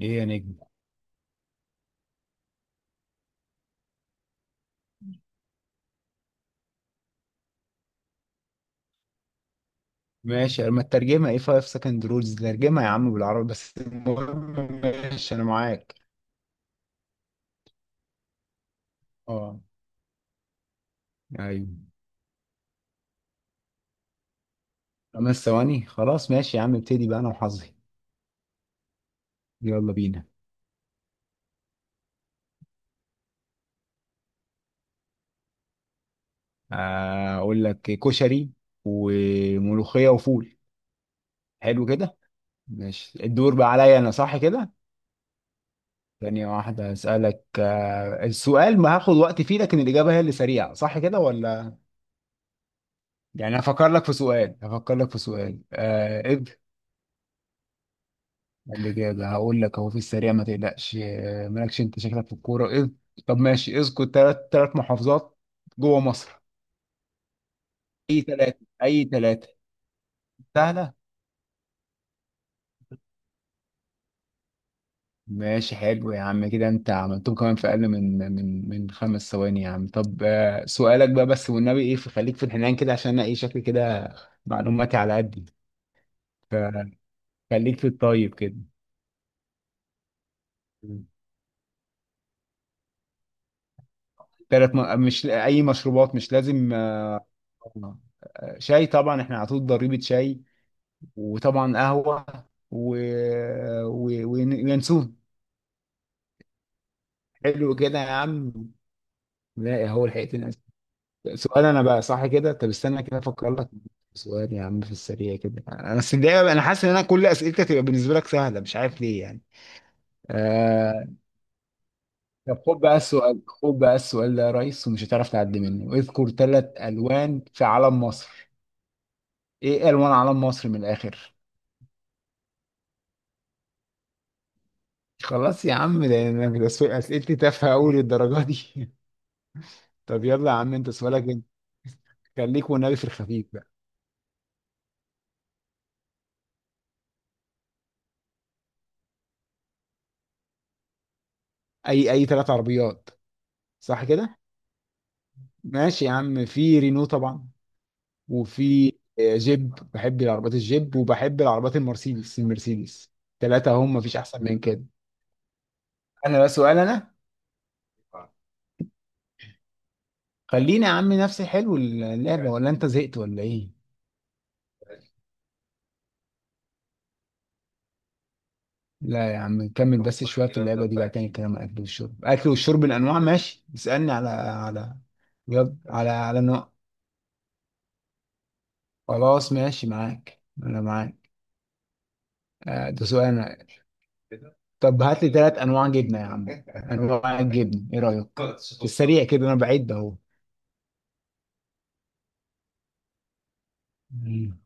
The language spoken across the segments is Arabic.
ايه يا نجم. ماشي، اما الترجمة ايه؟ 5 سكند رولز، ترجمة يا عم بالعربي، بس المهم ماشي انا معاك. اه. ايوه. خمس ثواني، خلاص ماشي يا عم، ابتدي بقى انا وحظي. يلا بينا. اقول لك كشري وملوخية وفول. حلو كده. ماشي الدور بقى عليا انا صح كده؟ ثانية واحدة اسألك. السؤال ما هاخد وقت فيه، لكن الإجابة هي اللي سريعة صح كده ولا؟ يعني هفكر لك في سؤال، هفكر لك في سؤال. قال لي كده هقول لك اهو في السريع، ما تقلقش. مالكش، انت شكلك في الكوره اذ. طب ماشي، اذكر ثلاث محافظات جوه مصر. اي ثلاثه، اي ثلاثه سهله. ماشي حلو يا عم، كده انت عملتهم كمان في اقل من خمس ثواني يا عم. طب، سؤالك بقى، بس والنبي ايه، فخليك في الحنان كده، عشان انا ايه شكلي كده، معلوماتي على قدي، فخليك في الطيب كده. ثلاث مش اي مشروبات، مش لازم. شاي طبعا، احنا على طول ضريبه شاي، وطبعا قهوة و... وينسون. حلو كده يا عم. لا هو الحقيقتين، أسف. سؤال انا بقى صح كده؟ طب استنى كده افكر لك سؤال يا عم في السريع كده. انا السريع، انا حاسس ان انا كل اسئلتك تبقى بالنسبه لك سهله، مش عارف ليه يعني. آه... طب خد بقى السؤال، خد بقى السؤال ده يا ريس، ومش هتعرف تعدي منه. اذكر ثلاث الوان في علم مصر. ايه الوان علم مصر من الاخر؟ خلاص يا عم، ده اسئلتي تافهه قوي للدرجه دي؟ طب يلا يا عم، انت سؤالك انت. خليك والنبي في الخفيف بقى. اي، اي ثلاث عربيات؟ صح كده. ماشي يا عم، في رينو طبعا، وفي، جيب، بحب العربيات الجيب، وبحب العربيات المرسيدس، المرسيدس. ثلاثة، هم مفيش احسن من كده. انا بقى سؤال انا. خلينا يا عم، نفسي، حلو اللعبة ولا انت زهقت ولا ايه؟ لا يا عم نكمل بس شوية في اللعبة دي بقى، تاني كلام اكل والشرب، اكل والشرب الانواع، ماشي اسألني على على، يلا على على نوع. خلاص ماشي معاك، انا معاك. ده سؤال أنا. طب هات لي ثلاث انواع جبنه يا عم، انواع الجبن ايه رايك؟ في السريع كده، انا بعيد اهو. مم.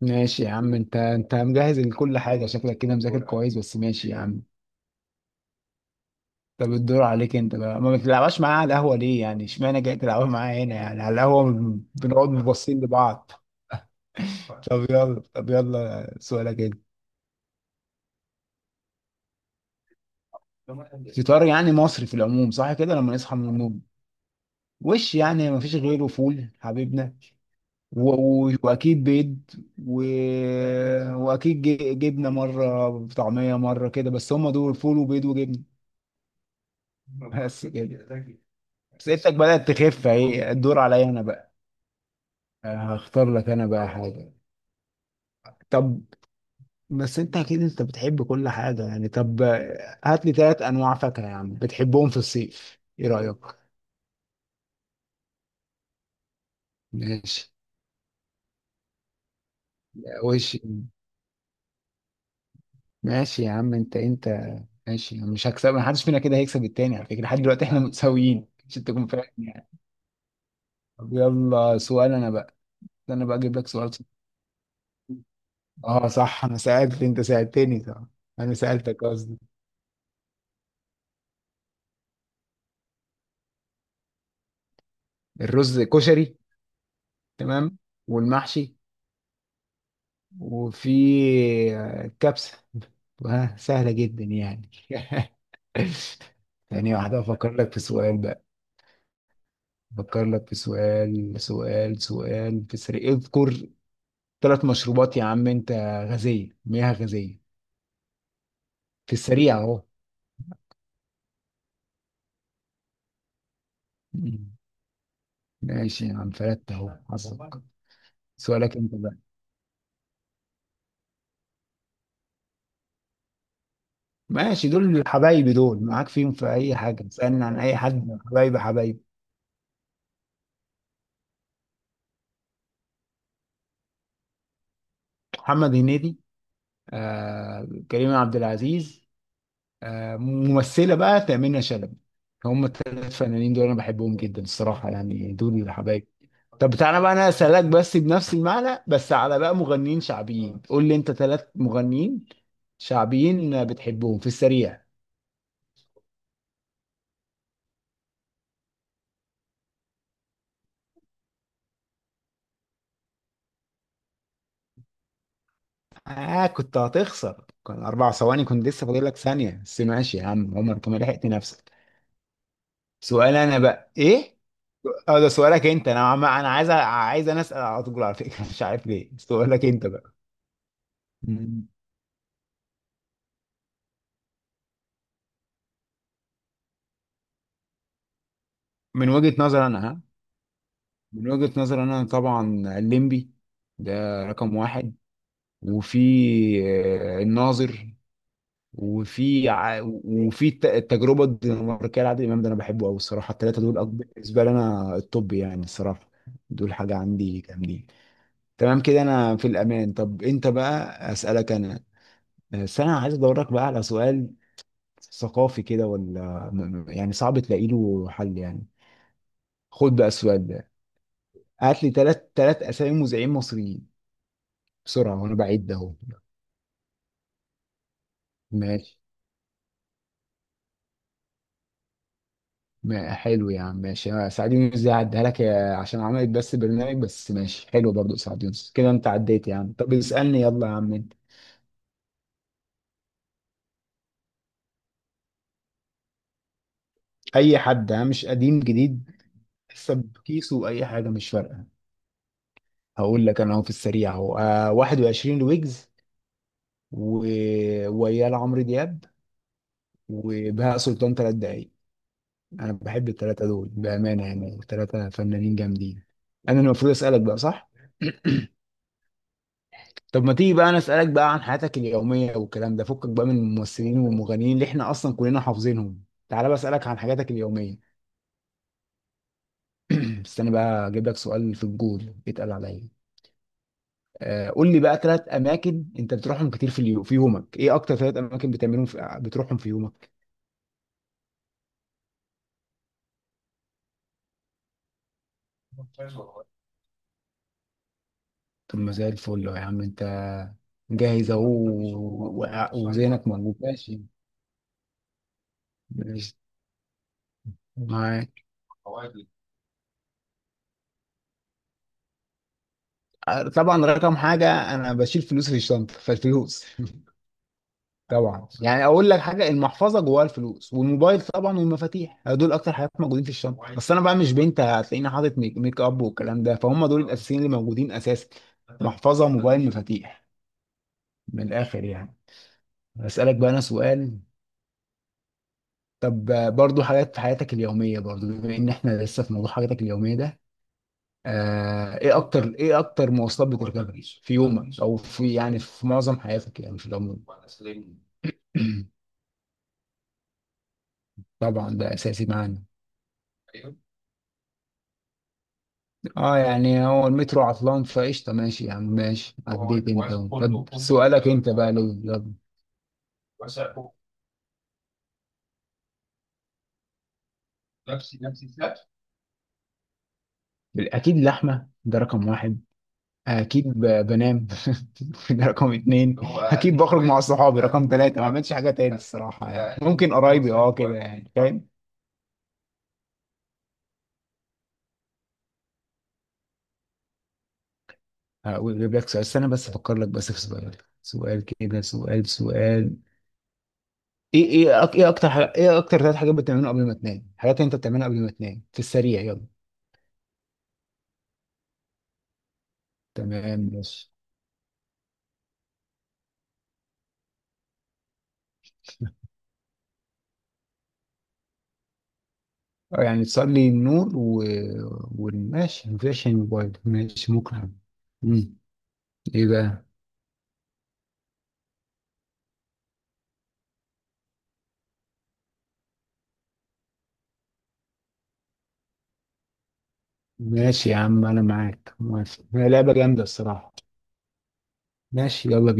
ماشي يا عم، انت انت مجهز لكل حاجه شكلك كده، مذاكر كويس، بس ماشي يا عم. طب الدور عليك انت بقى، ما بتلعبش معايا على القهوه ليه يعني؟ اشمعنى جاي تلعبها معايا هنا يعني، على القهوه بنقعد مبصين لبعض. طب يلا، طب يلا سؤالك كده. فطار يعني مصري في العموم صح كده، لما نصحى من النوم. وش يعني، ما فيش غيره، فول حبيبنا، واكيد بيض، و... واكيد جبنه، مره طعميه مره كده، بس هم دول فول وبيض وجبنه. بس كده. بس انتك بدات تخف اهي، الدور عليا انا بقى. هختار لك انا بقى حاجه. طب، بس انت اكيد انت بتحب كل حاجه يعني، طب هات لي ثلاث انواع فاكهه يا عم بتحبهم في الصيف، ايه رايك؟ ماشي. وش. ماشي يا عم، انت انت ماشي، مش هكسب، محدش فينا كده هيكسب التاني على فكره، لحد دلوقتي احنا متساويين عشان تكون فاهم يعني. طب يلا سؤال انا بقى. انا بقى اجيب لك سؤال صعب. اه صح، انا سألت، انت سألتني صح. انا سألتك قصدي. الرز كشري. تمام. والمحشي. وفي، كبسة. سهلة جدا يعني. ثانية واحدة أفكر لك في سؤال بقى. أفكر لك في سؤال، سؤال سؤال في السريع. اذكر ثلاث مشروبات يا عم أنت. غازية، مياه غازية. في السريع أهو. مم. ماشي يا عم، فلت أهو حظك. سؤالك أنت. ماشي، دول حبايبي دول، معاك فيهم في اي حاجه، اسالني عن اي حد، حبايبي حبايبي. محمد هنيدي. آه كريم عبد العزيز. آه ممثله بقى، تامينة شلبي. هم الثلاث فنانين دول انا بحبهم جدا الصراحه يعني، دول اللي حبايبي. طب بتاعنا بقى، انا اسالك بس بنفس المعنى، بس على بقى مغنيين شعبيين. قول لي انت ثلاث مغنيين شعبيين بتحبهم في السريع. اه كنت هتخسر، كان اربع ثواني كنت لسه فاضل لك ثانيه، بس ماشي يا عم، عمر كمان لحقت نفسك. سؤال انا بقى ايه. اه ده سؤالك انت، انا انا عايز عايز انا اسال على طول على فكره مش عارف ليه. سؤالك انت بقى. مم. من وجهه نظر انا ها؟ من وجهه نظر انا طبعا الليمبي ده، رقم واحد. وفي، الناظر. وفي التجربه الدنماركيه لعادل امام، ده انا بحبه قوي الصراحه. الثلاثه دول اكبر بالنسبه لي انا الطب يعني، الصراحه دول حاجه عندي جامدين. تمام كده انا في الامان. طب انت بقى، اسالك انا. بس انا عايز ادور لك بقى على سؤال ثقافي كده، ولا يعني صعب تلاقي له حل يعني. خد بقى السؤال ده. هات لي ثلاث اسامي مذيعين مصريين بسرعه، وانا بعيد ده اهو. ماشي. ما حلو يا عم، ماشي، أنا سعد يونس دي هعديها لك يا عشان عملت بس برنامج، بس ماشي حلو برضو سعد يونس كده، انت عديت يا عم. طب اسالني، يلا يا عم انت. اي حد ها، مش قديم جديد؟ حسب كيسه، اي حاجه مش فارقه. هقول لك انا اهو في السريع اهو، آه 21 ويجز، و... ويا عمرو دياب، وبهاء سلطان، ثلاث دقايق. انا بحب الثلاثه دول بامانه يعني، ثلاثه فنانين جامدين. انا المفروض اسالك بقى صح. طب ما تيجي بقى انا اسالك بقى عن حياتك اليوميه والكلام ده، فكك بقى من الممثلين والمغنيين اللي احنا اصلا كلنا حافظينهم، تعالى بقى اسالك عن حاجاتك اليوميه. استنى بقى اجيب لك سؤال في الجول، اتقل عليا. قول لي بقى ثلاث اماكن انت بتروحهم كتير في يومك. ايه اكتر ثلاث اماكن بتروحهم في يومك؟ طب ما زي الفل يا عم انت، جاهز اهو، و- وذهنك موجود، ماشي. ماشي معاك. طبعا رقم حاجة، أنا بشيل فلوسي في الشنطة، فالفلوس طبعا، يعني أقول لك حاجة، المحفظة جواها الفلوس، والموبايل طبعا، والمفاتيح. دول أكتر حاجات موجودين في الشنطة، بس أنا بقى مش بنت هتلاقيني حاطط ميك أب والكلام ده، فهم دول الأساسيين اللي موجودين أساسا. محفظة، موبايل، مفاتيح. من الآخر يعني. أسألك بقى أنا سؤال. طب، برضو حاجات في حياتك اليومية، برضو بما إن إحنا لسه في موضوع حاجاتك اليومية ده. ايه اكتر مواصلات بتركبها في يومك، او في يعني في معظم حياتك يعني في العموم؟ طبعا ده اساسي معانا. اه يعني هو المترو عطلان فقشطه، ماشي يا عم، ماشي عديت انت أهو. طب سؤالك انت بقى لو، يلا. اكيد لحمه، ده رقم واحد. اكيد بنام ده رقم اتنين. اكيد بخرج مع صحابي رقم تلاته. ما عملتش حاجه تاني الصراحه يعني، ممكن قرايبي اه كده، يعني فاهم. اجيب لك سؤال، استنى بس افكر لك بس في سؤال. سؤال كده، سؤال سؤال. ايه ايه أك- ايه اكتر حاجة ايه اكتر ثلاث حاجات بتعملهم قبل ما تنام، حاجات انت بتعملها قبل ما تنام في السريع، يلا. تمام ماشي. يعني تصلي النور والماشي، مفيش الموبايل، ماشي ممكن. امم ايه بقى؟ ماشي يا عم انا معاك موافق، هي لعبة جامدة الصراحة. ماشي يلا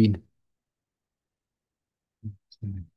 بينا.